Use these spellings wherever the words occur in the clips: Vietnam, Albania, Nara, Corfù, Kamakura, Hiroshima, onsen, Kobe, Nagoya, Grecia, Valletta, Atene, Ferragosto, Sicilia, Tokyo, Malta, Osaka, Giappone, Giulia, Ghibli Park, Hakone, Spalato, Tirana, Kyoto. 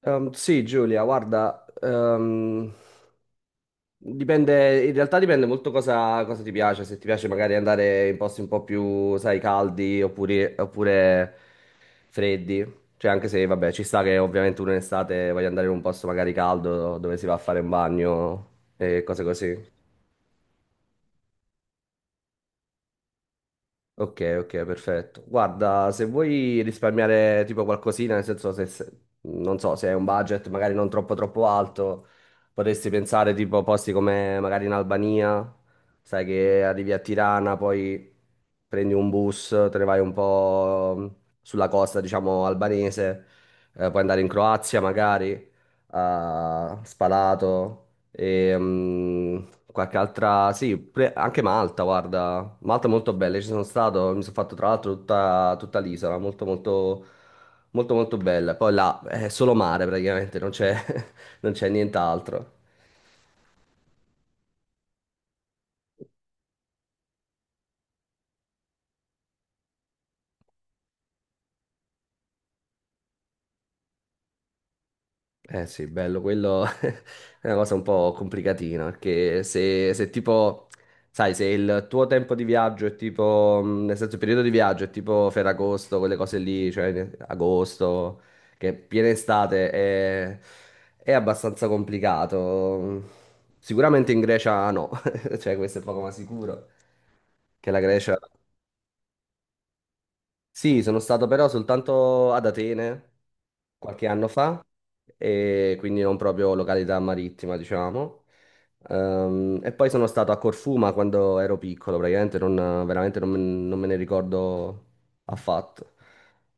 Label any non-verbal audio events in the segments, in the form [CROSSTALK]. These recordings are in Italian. Sì, Giulia, guarda, dipende, in realtà dipende molto cosa ti piace, se ti piace magari andare in posti un po' più, sai, caldi oppure freddi, cioè anche se, vabbè, ci sta che ovviamente uno in estate voglia andare in un posto magari caldo dove si va a fare un bagno e cose così. Ok, ok, perfetto. Guarda, se vuoi risparmiare tipo qualcosina, nel senso non so, se hai un budget magari non troppo alto, potresti pensare tipo a posti come magari in Albania, sai che arrivi a Tirana, poi prendi un bus, te ne vai un po' sulla costa, diciamo, albanese, puoi andare in Croazia magari, a Spalato. E, qualche altra, sì, anche Malta, guarda, Malta è molto bella, ci sono stato, mi sono fatto tra l'altro tutta l'isola, molto molto molto molto bella. Poi là è solo mare praticamente, non c'è [LAUGHS] non c'è nient'altro. Eh sì, bello, quello [LAUGHS] è una cosa un po' complicatina, perché se tipo, sai, se il tuo tempo di viaggio è tipo, nel senso il periodo di viaggio è tipo Ferragosto, quelle cose lì, agosto, che è piena estate, è abbastanza complicato. Sicuramente in Grecia no, [LAUGHS] cioè questo è poco ma sicuro, che la Grecia... Sì, sono stato però soltanto ad Atene qualche anno fa, e quindi non proprio località marittima, diciamo. E poi sono stato a Corfù, ma quando ero piccolo, praticamente non, veramente non, me non me ne ricordo affatto.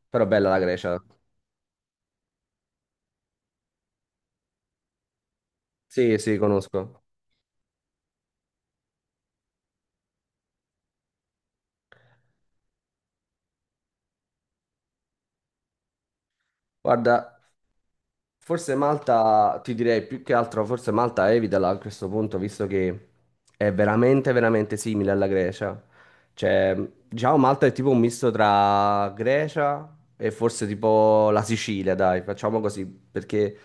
Però bella la Grecia. Sì, sì, conosco. Guarda. Forse Malta, ti direi più che altro, forse Malta evitala a questo punto, visto che è veramente, veramente simile alla Grecia. Cioè, diciamo Malta è tipo un misto tra Grecia e forse tipo la Sicilia, dai, facciamo così, perché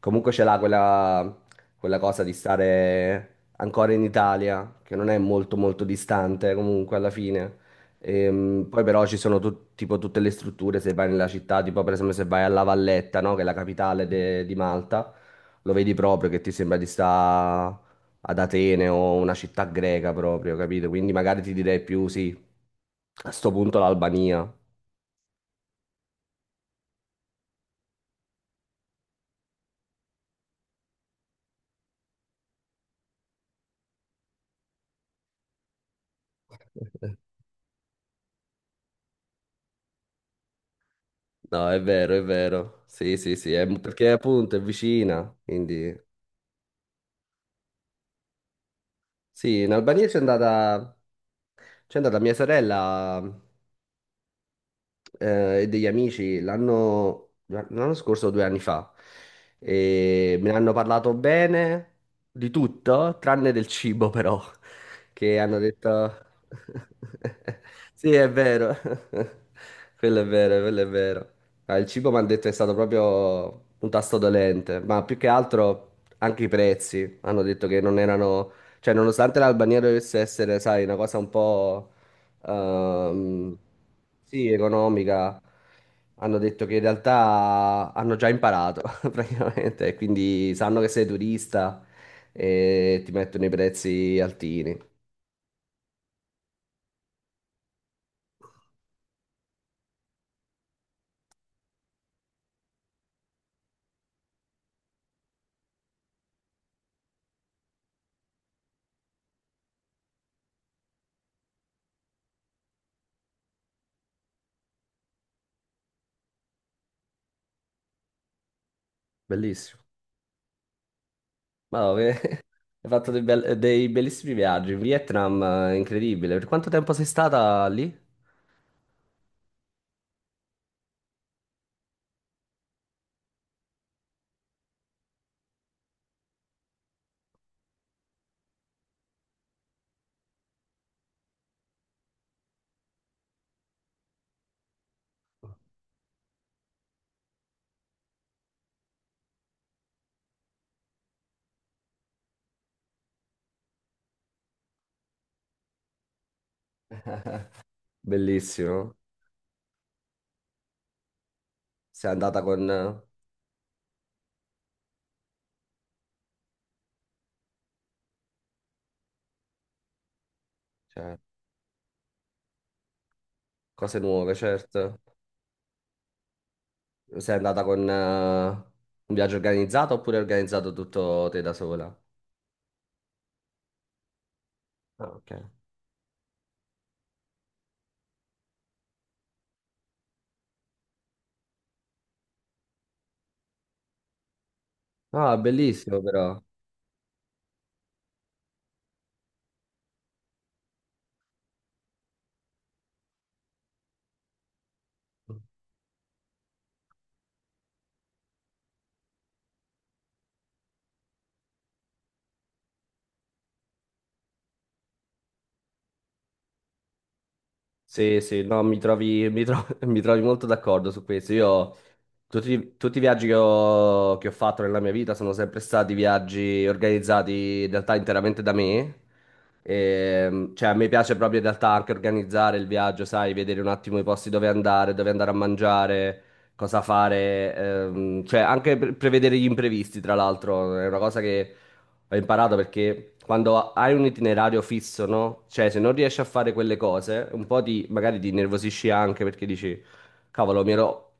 comunque ce l'ha quella cosa di stare ancora in Italia, che non è molto, molto distante comunque alla fine. Poi però ci sono tipo tutte le strutture, se vai nella città, tipo per esempio se vai alla Valletta, no? Che è la di Malta, lo vedi proprio che ti sembra di stare ad Atene o una città greca proprio, capito? Quindi magari ti direi più sì, a sto punto l'Albania. [LAUGHS] No, è vero, è vero. Sì, sì, sì, perché appunto è vicina, quindi... Sì, in Albania c'è andata mia sorella e degli amici l'anno scorso o due anni fa e me ne hanno parlato bene di tutto, tranne del cibo però, che hanno detto... [LAUGHS] Sì, è vero, [LAUGHS] quello è vero. Ah, il cibo mi hanno detto è stato proprio un tasto dolente, ma più che altro anche i prezzi hanno detto che non erano... Cioè, nonostante l'Albania dovesse essere, sai, una cosa un po' ehm, sì, economica, hanno detto che in realtà hanno già imparato [LAUGHS] praticamente, e quindi sanno che sei turista e ti mettono i prezzi altini. Bellissimo. Ma [LAUGHS] no, hai fatto dei bellissimi viaggi. In Vietnam, incredibile. Per quanto tempo sei stata lì? Bellissimo. Sei andata con cioè, cose nuove, certo. Sei andata con un viaggio organizzato oppure hai organizzato tutto te da sola? Ah, ok. Ah, bellissimo però. Sì, sì, no, mi trovi, mi tro- [LAUGHS] mi trovi molto d'accordo su questo. Io, tutti, tutti i viaggi che ho fatto nella mia vita sono sempre stati viaggi organizzati in realtà interamente da me. E, cioè, a me piace proprio in realtà anche organizzare il viaggio, sai, vedere un attimo i posti dove andare a mangiare, cosa fare, cioè anche prevedere gli imprevisti, tra l'altro, è una cosa che ho imparato perché quando hai un itinerario fisso, no? Cioè, se non riesci a fare quelle cose, un po' ti, magari ti nervosisci anche perché dici, cavolo, mi ero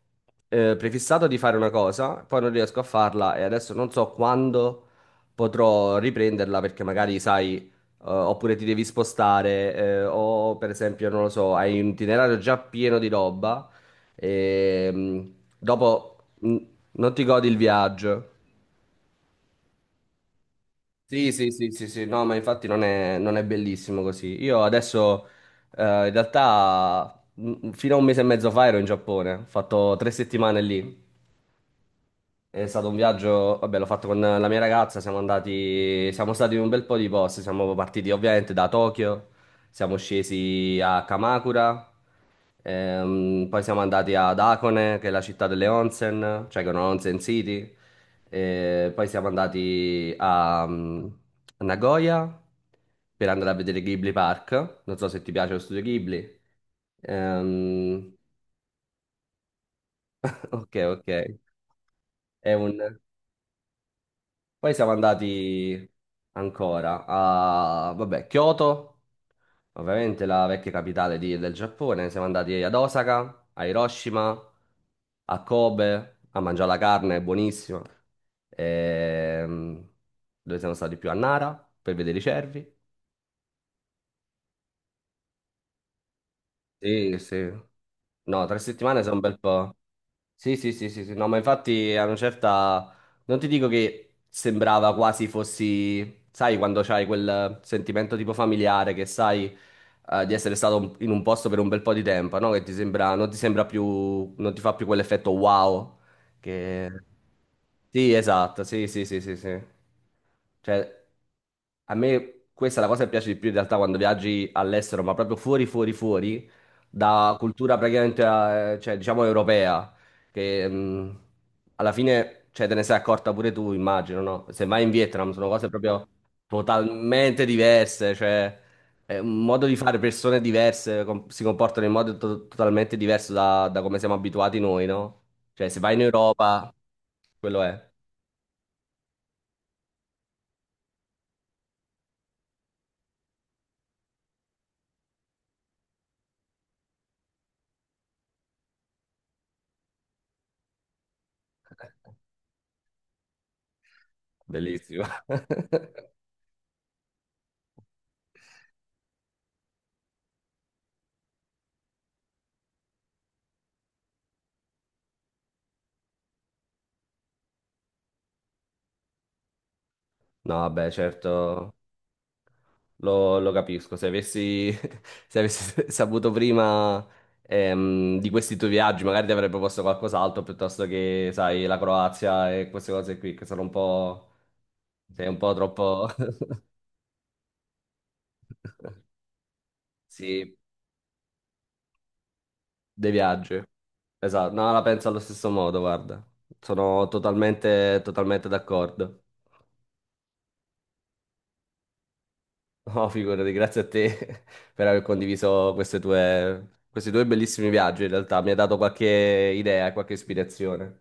prefissato di fare una cosa, poi non riesco a farla e adesso non so quando potrò riprenderla perché magari sai, oppure ti devi spostare, o per esempio, non lo so, hai un itinerario già pieno di roba e dopo mm, non ti godi il viaggio. Sì, sì, sì, sì, sì, no, ma infatti non è bellissimo così. Io adesso, in realtà, fino a un mese e mezzo fa ero in Giappone, ho fatto tre settimane lì. È stato un viaggio, vabbè, l'ho fatto con la mia ragazza, siamo stati in un bel po' di posti, siamo partiti ovviamente da Tokyo, siamo scesi a Kamakura, poi siamo andati ad Hakone, che è la città delle onsen, cioè che è una onsen city, e poi siamo andati a a Nagoya per andare a vedere Ghibli Park, non so se ti piace lo studio Ghibli. Ehm, [LAUGHS] ok, ok, è un... Poi siamo andati ancora a, vabbè, Kyoto, ovviamente la vecchia del Giappone. Siamo andati ad Osaka, a Hiroshima, a Kobe, a mangiare la carne, è buonissima. Ehm, dove siamo stati più? A Nara, per vedere i cervi. Sì, sì. No, tre settimane sono un bel po'. Sì, sì, sì, sì, sì, no, ma infatti a una certa... Non ti dico che sembrava quasi fossi, sai, quando c'hai quel sentimento tipo familiare che sai di essere stato in un posto per un bel po' di tempo, no? Che ti sembra, non ti sembra più, non ti fa più quell'effetto wow. Che... Sì, esatto, sì, sì, sì, sì, sì. Cioè, a me questa è la cosa che piace di più in realtà quando viaggi all'estero, ma proprio fuori, fuori, fuori, da cultura praticamente, cioè, diciamo, europea che alla fine, cioè, te ne sei accorta pure tu, immagino, no? Se vai in Vietnam sono cose proprio totalmente diverse, cioè è un modo di fare, si comportano in modo totalmente diverso da, da come siamo abituati noi, no? Cioè, se vai in Europa, quello è bellissimo. [LAUGHS] No, vabbè, certo. Lo capisco, se avessi, [LAUGHS] se avessi saputo prima di questi tuoi viaggi, magari ti avrei proposto qualcos'altro piuttosto che, sai, la Croazia e queste cose qui che sono un po'... sei un po' troppo... [LAUGHS] Sì, dei viaggi. Esatto, no, la penso allo stesso modo, guarda. Sono totalmente, totalmente d'accordo. [LAUGHS] No, figurati, grazie a te [LAUGHS] per aver condiviso questi due bellissimi viaggi, in realtà. Mi hai dato qualche idea, qualche ispirazione.